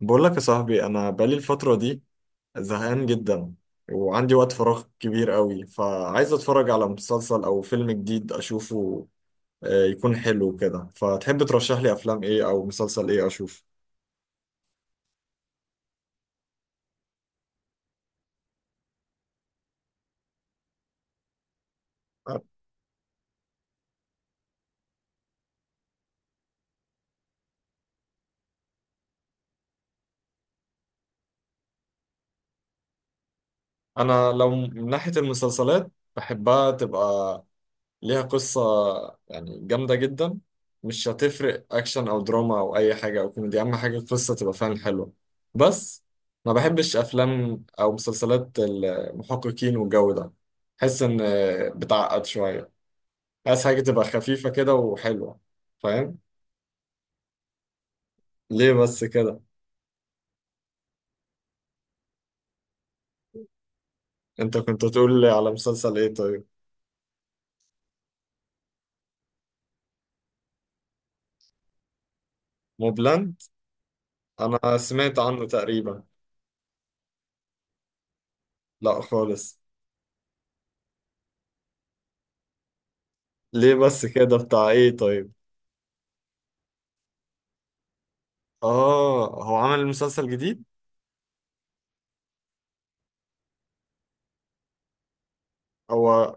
بقول لك يا صاحبي، انا بقالي الفتره دي زهقان جدا، وعندي وقت فراغ كبير قوي، فعايز اتفرج على مسلسل او فيلم جديد اشوفه. يكون حلو كده. فتحب ترشح لي افلام ايه او مسلسل ايه اشوف؟ انا لو من ناحيه المسلسلات بحبها تبقى ليها قصة، يعني جامدة جدا. مش هتفرق أكشن أو دراما أو أي حاجة أو كوميدي، أهم حاجة القصة تبقى فعلا حلوة. بس ما بحبش أفلام أو مسلسلات المحققين والجو ده، بحس إن بتعقد شوية. عايز حاجة تبقى خفيفة كده وحلوة، فاهم؟ ليه بس كده؟ أنت كنت تقول لي على مسلسل إيه طيب؟ موبلاند؟ أنا سمعت عنه تقريبا. لأ خالص. ليه بس كده؟ بتاع إيه طيب؟ آه، هو عمل مسلسل جديد؟ هو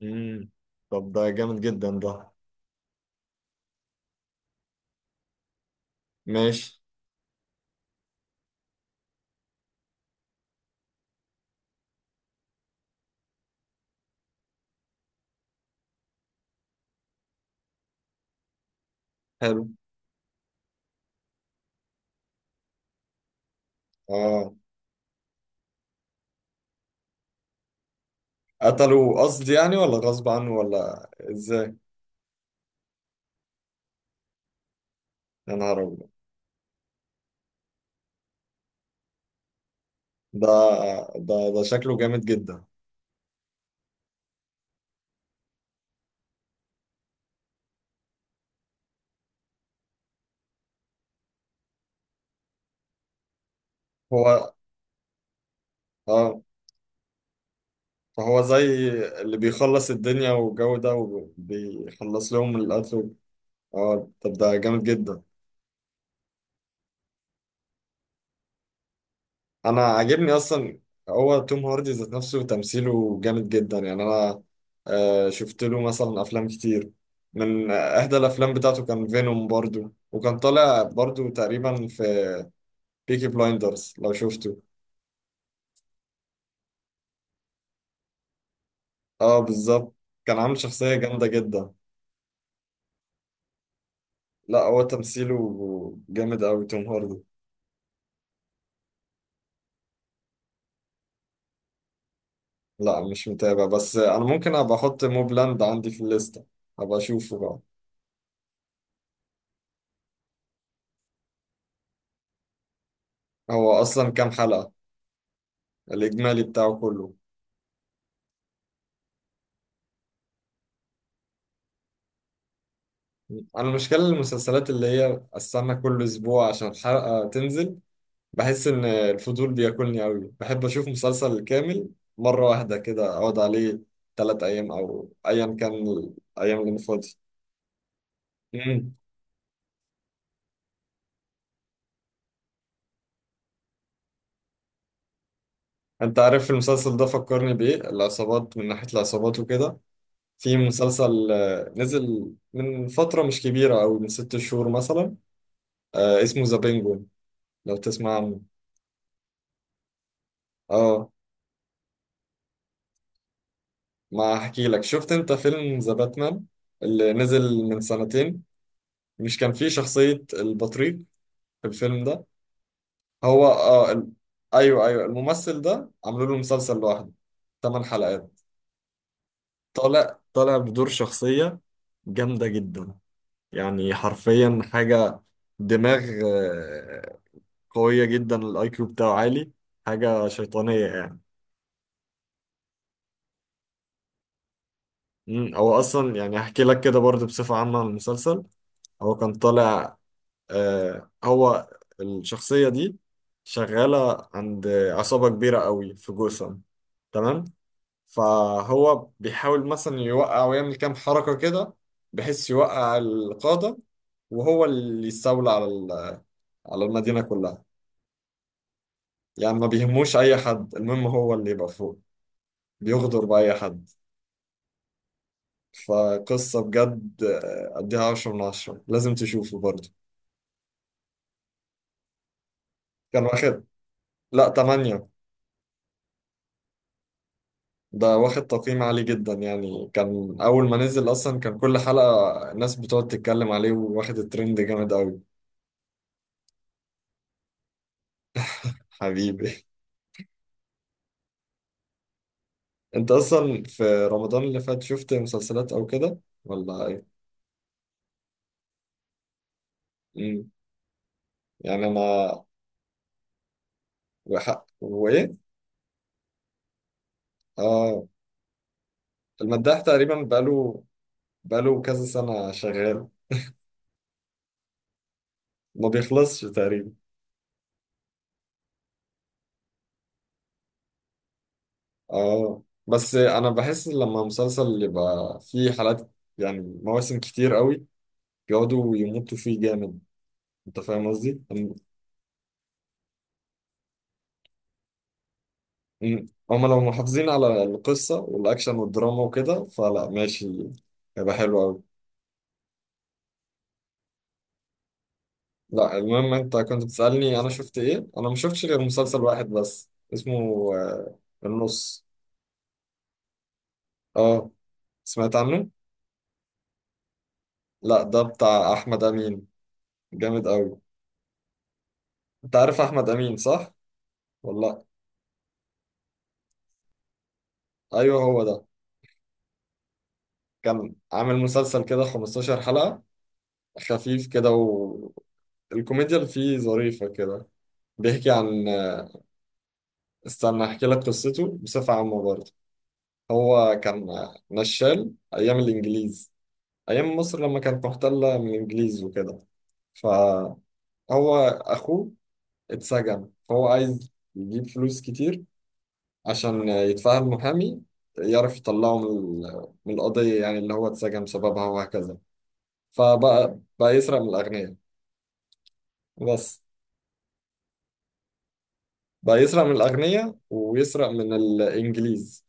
مم. طب ده جامد جدا ده. ماشي. حلو، اه. قتلوا قصد يعني ولا غصب عنه ولا ازاي؟ يا نهار ابيض! ده ده شكله جامد جدا. هو اه فهو زي اللي بيخلص الدنيا والجو ده، وبيخلص لهم القتل. اه، طب ده جامد جدا. انا عاجبني اصلا. هو توم هاردي ذات نفسه تمثيله جامد جدا، يعني انا شفت له مثلا افلام كتير. من احدى الافلام بتاعته كان فينوم برضو، وكان طالع برضو تقريبا في بيكي بلايندرز، لو شفته. اه بالظبط، كان عامل شخصية جامدة جدا. لا، هو تمثيله جامد قوي توم هاردي. لا، مش متابع، بس انا ممكن ابقى احط موبلاند عندي في الليستة، ابقى اشوفه بقى. هو اصلا كام حلقة الاجمالي بتاعه كله؟ انا المشكله المسلسلات اللي هي استنى كل اسبوع عشان الحلقه تنزل، بحس ان الفضول بياكلني قوي. بحب اشوف مسلسل كامل مره واحده كده، اقعد عليه ثلاث ايام او ايا كان، الايام اللي أنا فاضي. امم. انت عارف المسلسل ده فكرني بايه؟ العصابات، من ناحيه العصابات وكده. في مسلسل نزل من فتره مش كبيره، او من ست شهور مثلا، اسمه ذا بينجوين، لو تسمع عنه. اه، ما هحكي لك. شفت انت فيلم ذا باتمان اللي نزل من سنتين؟ مش كان فيه شخصية البطريق في الفيلم ده؟ هو اه ال... ايوه ايوه، الممثل ده عملوا له مسلسل لوحده، ثمان حلقات. طالع طالع بدور شخصية جامدة جدا، يعني حرفيا حاجة دماغ قوية جدا، الاي كيو بتاعه عالي، حاجة شيطانية يعني. هو اصلا يعني هحكي لك كده برضه بصفة عامة عن المسلسل. هو كان طالع آه، هو الشخصية دي شغالة عند عصابة كبيرة قوي في جوثام، تمام. فهو بيحاول مثلا يوقع ويعمل كام حركة كده، بحيث يوقع القادة وهو اللي يستولى على المدينة كلها. يعني ما بيهموش أي حد، المهم هو اللي يبقى فوق، بيغدر بأي حد. فقصة بجد، أديها عشرة من عشرة، لازم تشوفه برضه. كان واخد، لا، تمانية. ده واخد تقييم عالي جدا، يعني كان أول ما نزل أصلا كان كل حلقة الناس بتقعد تتكلم عليه، وواخد الترند جامد أوي. حبيبي. أنت أصلا في رمضان اللي فات شفت مسلسلات أو كده ولا إيه؟ مم. يعني أنا وحق وإيه؟ آه، المداح تقريبا بقاله كذا سنة شغال، ما بيخلصش تقريبا. آه، بس أنا بحس لما مسلسل يبقى فيه حلقات، يعني مواسم كتير أوي، بيقعدوا يمطوا فيه جامد، انت فاهم قصدي؟ هما لو محافظين على القصة والاكشن والدراما وكده فلا، ماشي، هيبقى حلو قوي. لا، المهم انت كنت بتسألني انا شفت ايه؟ انا ما شفتش غير مسلسل واحد بس اسمه النص. اه، سمعت عنه؟ لا، ده بتاع احمد امين، جامد قوي. انت عارف احمد امين صح؟ ولا لأ؟ ايوه هو ده، كان عامل مسلسل كده 15 حلقة، خفيف كده، والكوميديا اللي فيه ظريفة كده. بيحكي عن استنى احكي لك قصته بصفة عامة برضه. هو كان نشال ايام الانجليز، ايام مصر لما كانت محتلة من الانجليز وكده. فهو اخوه اتسجن، فهو عايز يجيب فلوس كتير عشان يتفهم محامي، يعرف يطلعه من القضية يعني اللي هو اتسجن بسببها وهكذا. فبقى يسرق من الأغنياء بس. بقى يسرق من الأغنياء ويسرق من الإنجليز،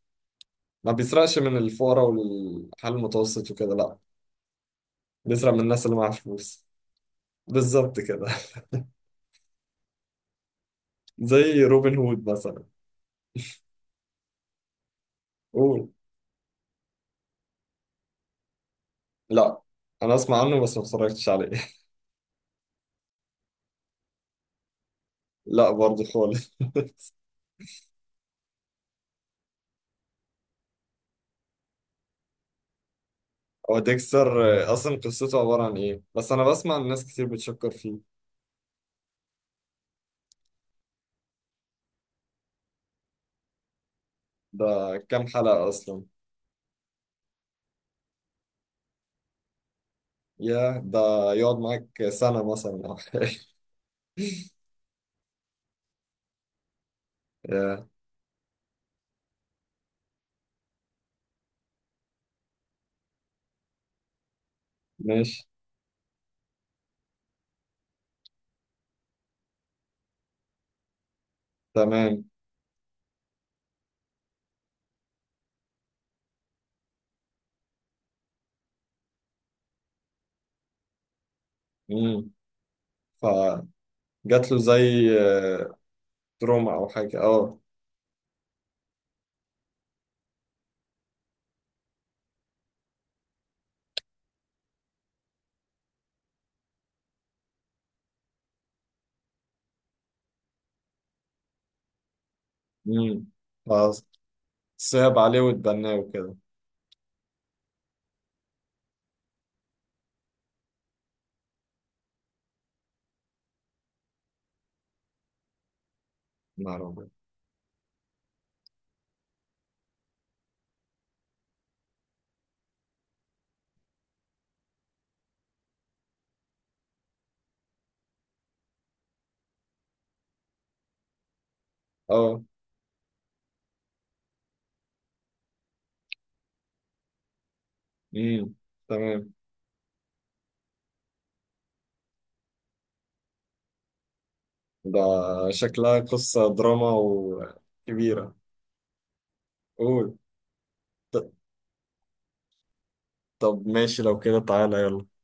ما بيسرقش من الفقراء والحال المتوسط وكده، لا. بيسرق من الناس اللي معاها فلوس. بالظبط كده. زي روبن هود مثلا. قول. لا، انا اسمع عنه بس ما اتفرجتش عليه. لا برضه خالص. هو ديكستر اصلا قصته عبارة عن ايه؟ بس انا بسمع ان ناس كتير بتشكر فيه. ده كام حلقة اصلا؟ يا ده، يقعد معاك سنة مثلا او حاجة. يا، ماشي، تمام. امم. فجات له زي تروما او حاجة، اه. امم. فصعب عليه واتبناه وكده. نعم. اه. امم. تمام. ده شكلها قصة دراما وكبيرة. قول. ط- طب ماشي، لو كده تعالى يلا.